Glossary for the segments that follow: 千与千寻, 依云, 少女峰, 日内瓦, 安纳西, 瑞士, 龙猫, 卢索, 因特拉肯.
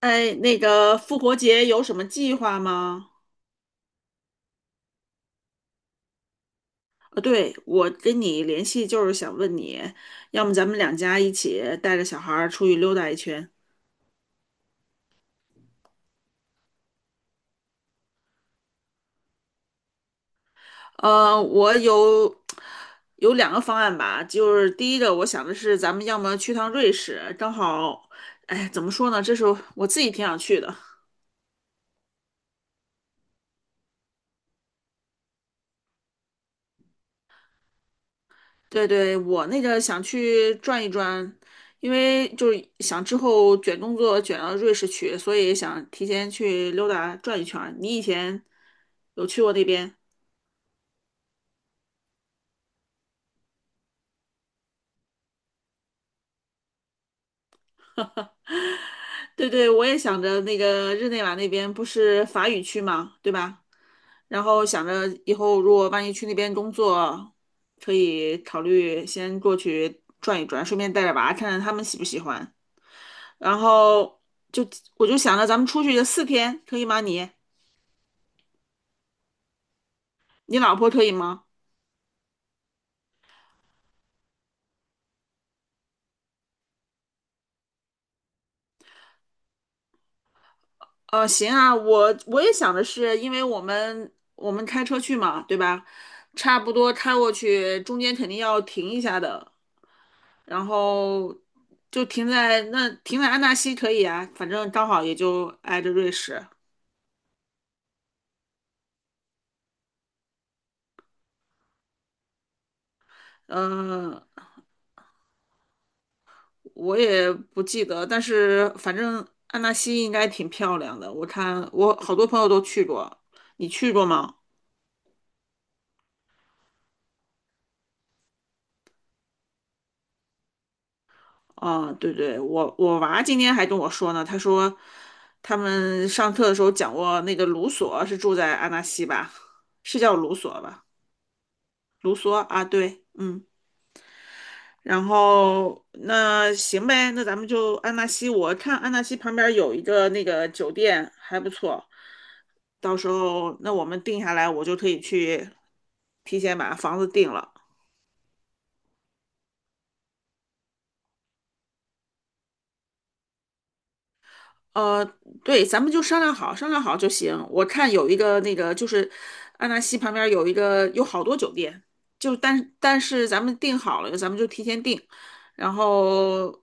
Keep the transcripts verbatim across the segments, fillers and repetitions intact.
哎，那个复活节有什么计划吗？呃，对，我跟你联系就是想问你，要么咱们两家一起带着小孩儿出去溜达一圈。呃，我有有两个方案吧，就是第一个我想的是，咱们要么去趟瑞士，正好，哎，怎么说呢，这是我自己挺想去的。对对，我那个想去转一转，因为就是想之后卷工作卷到瑞士去，所以想提前去溜达转一圈儿。你以前有去过那边？对对，我也想着那个日内瓦那边不是法语区嘛，对吧？然后想着以后如果万一去那边工作，可以考虑先过去转一转，顺便带着娃看看他们喜不喜欢。然后就我就想着咱们出去四天，可以吗？你？你老婆可以吗？呃，行啊，我我也想的是，因为我们我们开车去嘛，对吧？差不多开过去，中间肯定要停一下的，然后就停在那，停在安纳西可以啊，反正刚好也就挨着瑞士。嗯、我也不记得，但是反正安纳西应该挺漂亮的，我看我好多朋友都去过，你去过吗？啊，对对，我我娃今天还跟我说呢，他说他们上课的时候讲过那个卢索是住在安纳西吧，是叫卢索吧？卢索啊，对，嗯，然后那行呗，那咱们就安纳西，我看安纳西旁边有一个那个酒店还不错，到时候那我们定下来，我就可以去提前把房子定了。呃，对，咱们就商量好，商量好就行。我看有一个那个，就是安纳西旁边有一个，有好多酒店，就但但是咱们定好了，咱们就提前定。然后，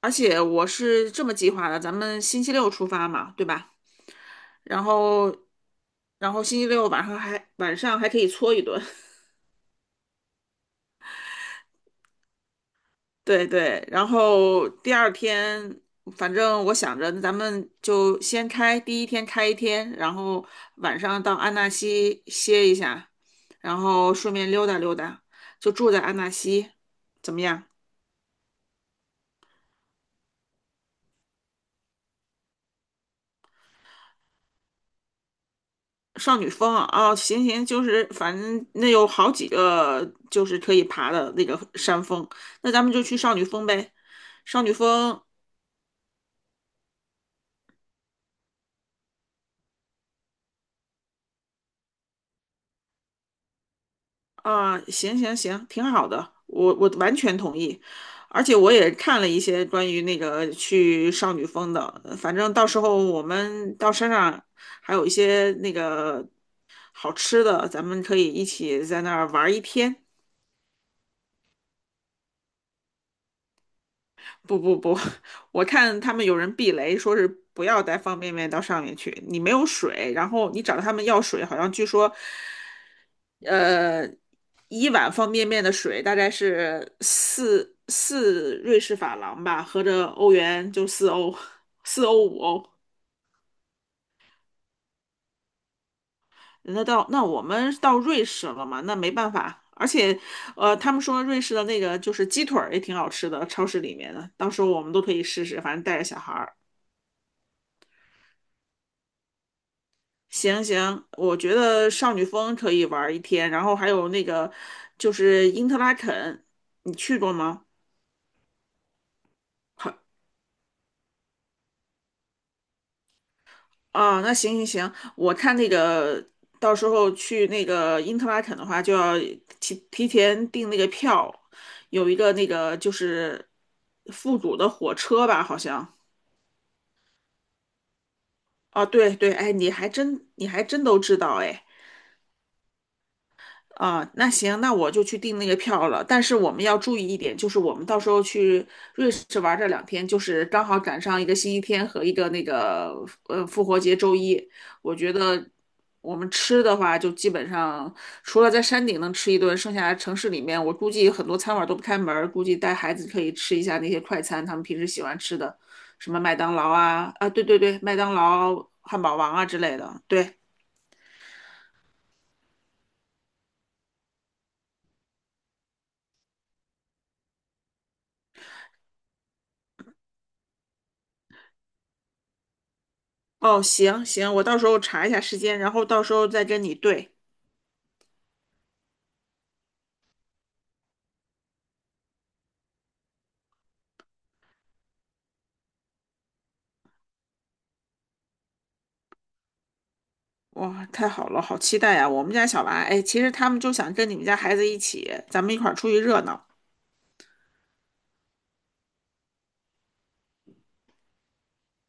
而且我是这么计划的，咱们星期六出发嘛，对吧？然后，然后星期六晚上还晚上还可以搓一顿。对对，然后第二天，反正我想着，那咱们就先开，第一天开一天，然后晚上到安纳西歇一下，然后顺便溜达溜达，就住在安纳西，怎么样？少女峰啊，哦，行行，就是反正那有好几个就是可以爬的那个山峰，那咱们就去少女峰呗。少女峰啊，行行行，挺好的，我我完全同意，而且我也看了一些关于那个去少女峰的，呃反正到时候我们到山上还有一些那个好吃的，咱们可以一起在那儿玩一天。不不不，我看他们有人避雷，说是不要带方便面到上面去，你没有水，然后你找他们要水，好像据说，呃，一碗方便面的水大概是四四瑞士法郎吧，合着欧元就四欧，四欧五欧。那到那我们到瑞士了嘛，那没办法，而且，呃，他们说瑞士的那个就是鸡腿儿也挺好吃的，超市里面的，到时候我们都可以试试，反正带着小孩儿。行行，我觉得少女峰可以玩一天，然后还有那个就是因特拉肯，你去过吗？好啊，那行行行，我看那个到时候去那个因特拉肯的话，就要提提前订那个票，有一个那个就是复古的火车吧，好像。啊，对对，哎，你还真你还真都知道哎。啊，那行，那我就去订那个票了。但是我们要注意一点，就是我们到时候去瑞士玩这两天，就是刚好赶上一个星期天和一个那个呃复活节周一。我觉得我们吃的话，就基本上除了在山顶能吃一顿，剩下城市里面，我估计很多餐馆都不开门儿，估计带孩子可以吃一下那些快餐，他们平时喜欢吃的，什么麦当劳啊，啊，对对对，麦当劳、汉堡王啊之类的，对。哦，行行，我到时候查一下时间，然后到时候再跟你对。哇，太好了，好期待呀！我们家小娃，哎，其实他们就想跟你们家孩子一起，咱们一块儿出去热闹。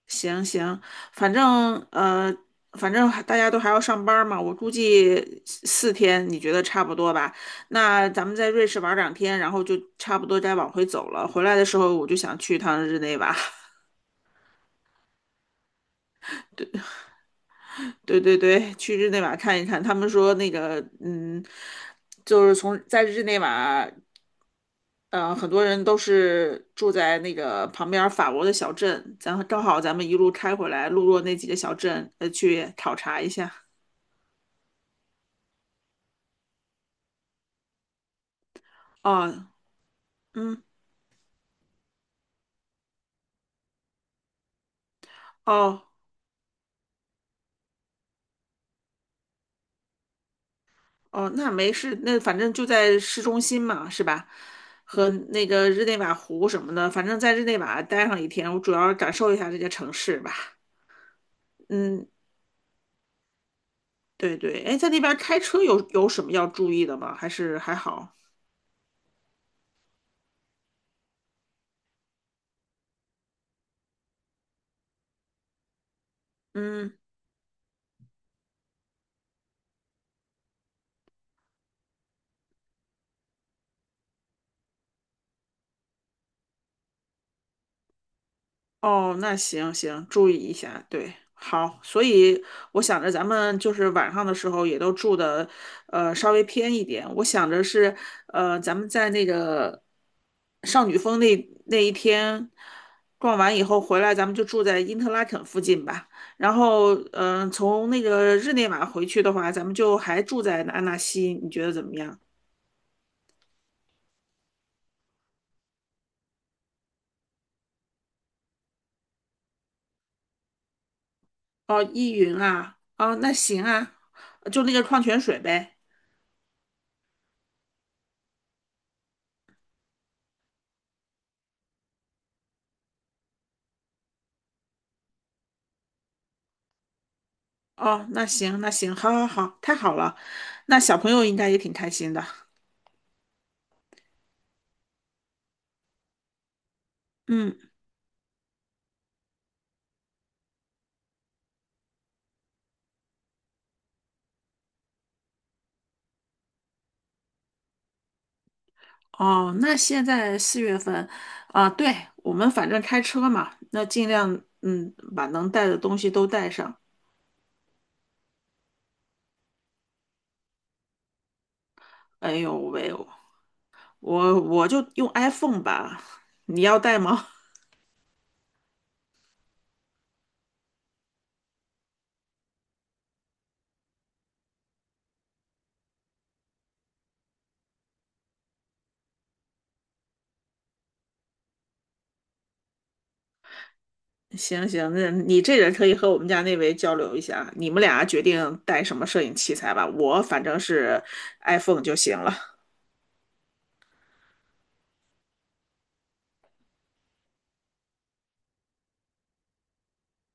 行行，反正呃，反正还大家都还要上班儿嘛，我估计四天，你觉得差不多吧？那咱们在瑞士玩儿两天，然后就差不多该往回走了。回来的时候，我就想去趟日内瓦。对对对，去日内瓦看一看。他们说那个，嗯，就是从在日内瓦，嗯，很多人都是住在那个旁边儿法国的小镇，咱正好咱们一路开回来，路过那几个小镇，呃，去考察一下。哦，嗯，哦哦，那没事，那反正就在市中心嘛，是吧？和那个日内瓦湖什么的，反正在日内瓦待上一天，我主要感受一下这个城市吧。嗯，对对，哎，在那边开车有有什么要注意的吗？还是还好？嗯，哦，那行行，注意一下。对，好，所以我想着咱们就是晚上的时候也都住的，呃，稍微偏一点。我想着是，呃，咱们在那个少女峰那那一天逛完以后回来，咱们就住在因特拉肯附近吧。然后，嗯、从那个日内瓦回去的话，咱们就还住在安纳西，你觉得怎么样？哦，依云啊，哦，那行啊，就那个矿泉水呗。哦，那行，那行，好，好，好，太好了。那小朋友应该也挺开心的。嗯，哦，那现在四月份，啊，对，我们反正开车嘛，那尽量嗯把能带的东西都带上。哎呦喂，我我就用 iPhone 吧，你要带吗？行行，那你这人可以和我们家那位交流一下，你们俩决定带什么摄影器材吧。我反正是 iPhone 就行了。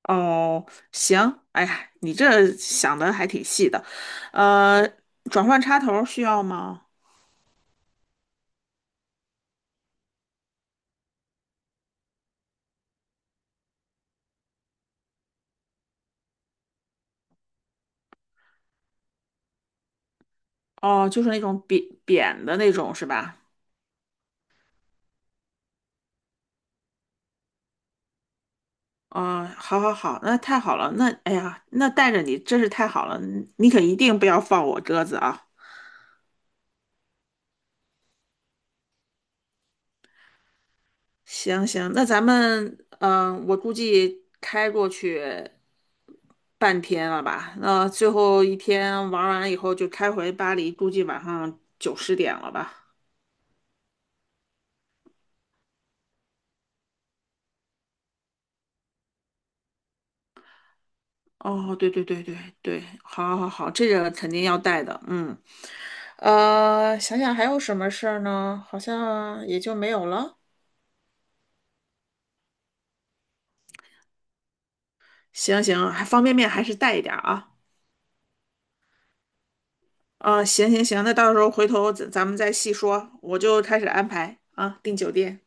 哦，行，哎呀，你这想的还挺细的。呃，转换插头需要吗？哦，就是那种扁扁的那种是吧？哦，好好好，那太好了。那哎呀，那带着你真是太好了，你可一定不要放我鸽子啊。行行，那咱们嗯、呃我估计开过去半天了吧？那最后一天玩完以后就开回巴黎，估计晚上九十点了吧？哦，对对对对对，好，好，好，这个肯定要带的。嗯，呃，想想还有什么事儿呢？好像也就没有了。行行，还方便面还是带一点儿啊。啊、行行行，那到时候回头咱咱们再细说，我就开始安排啊，订酒店。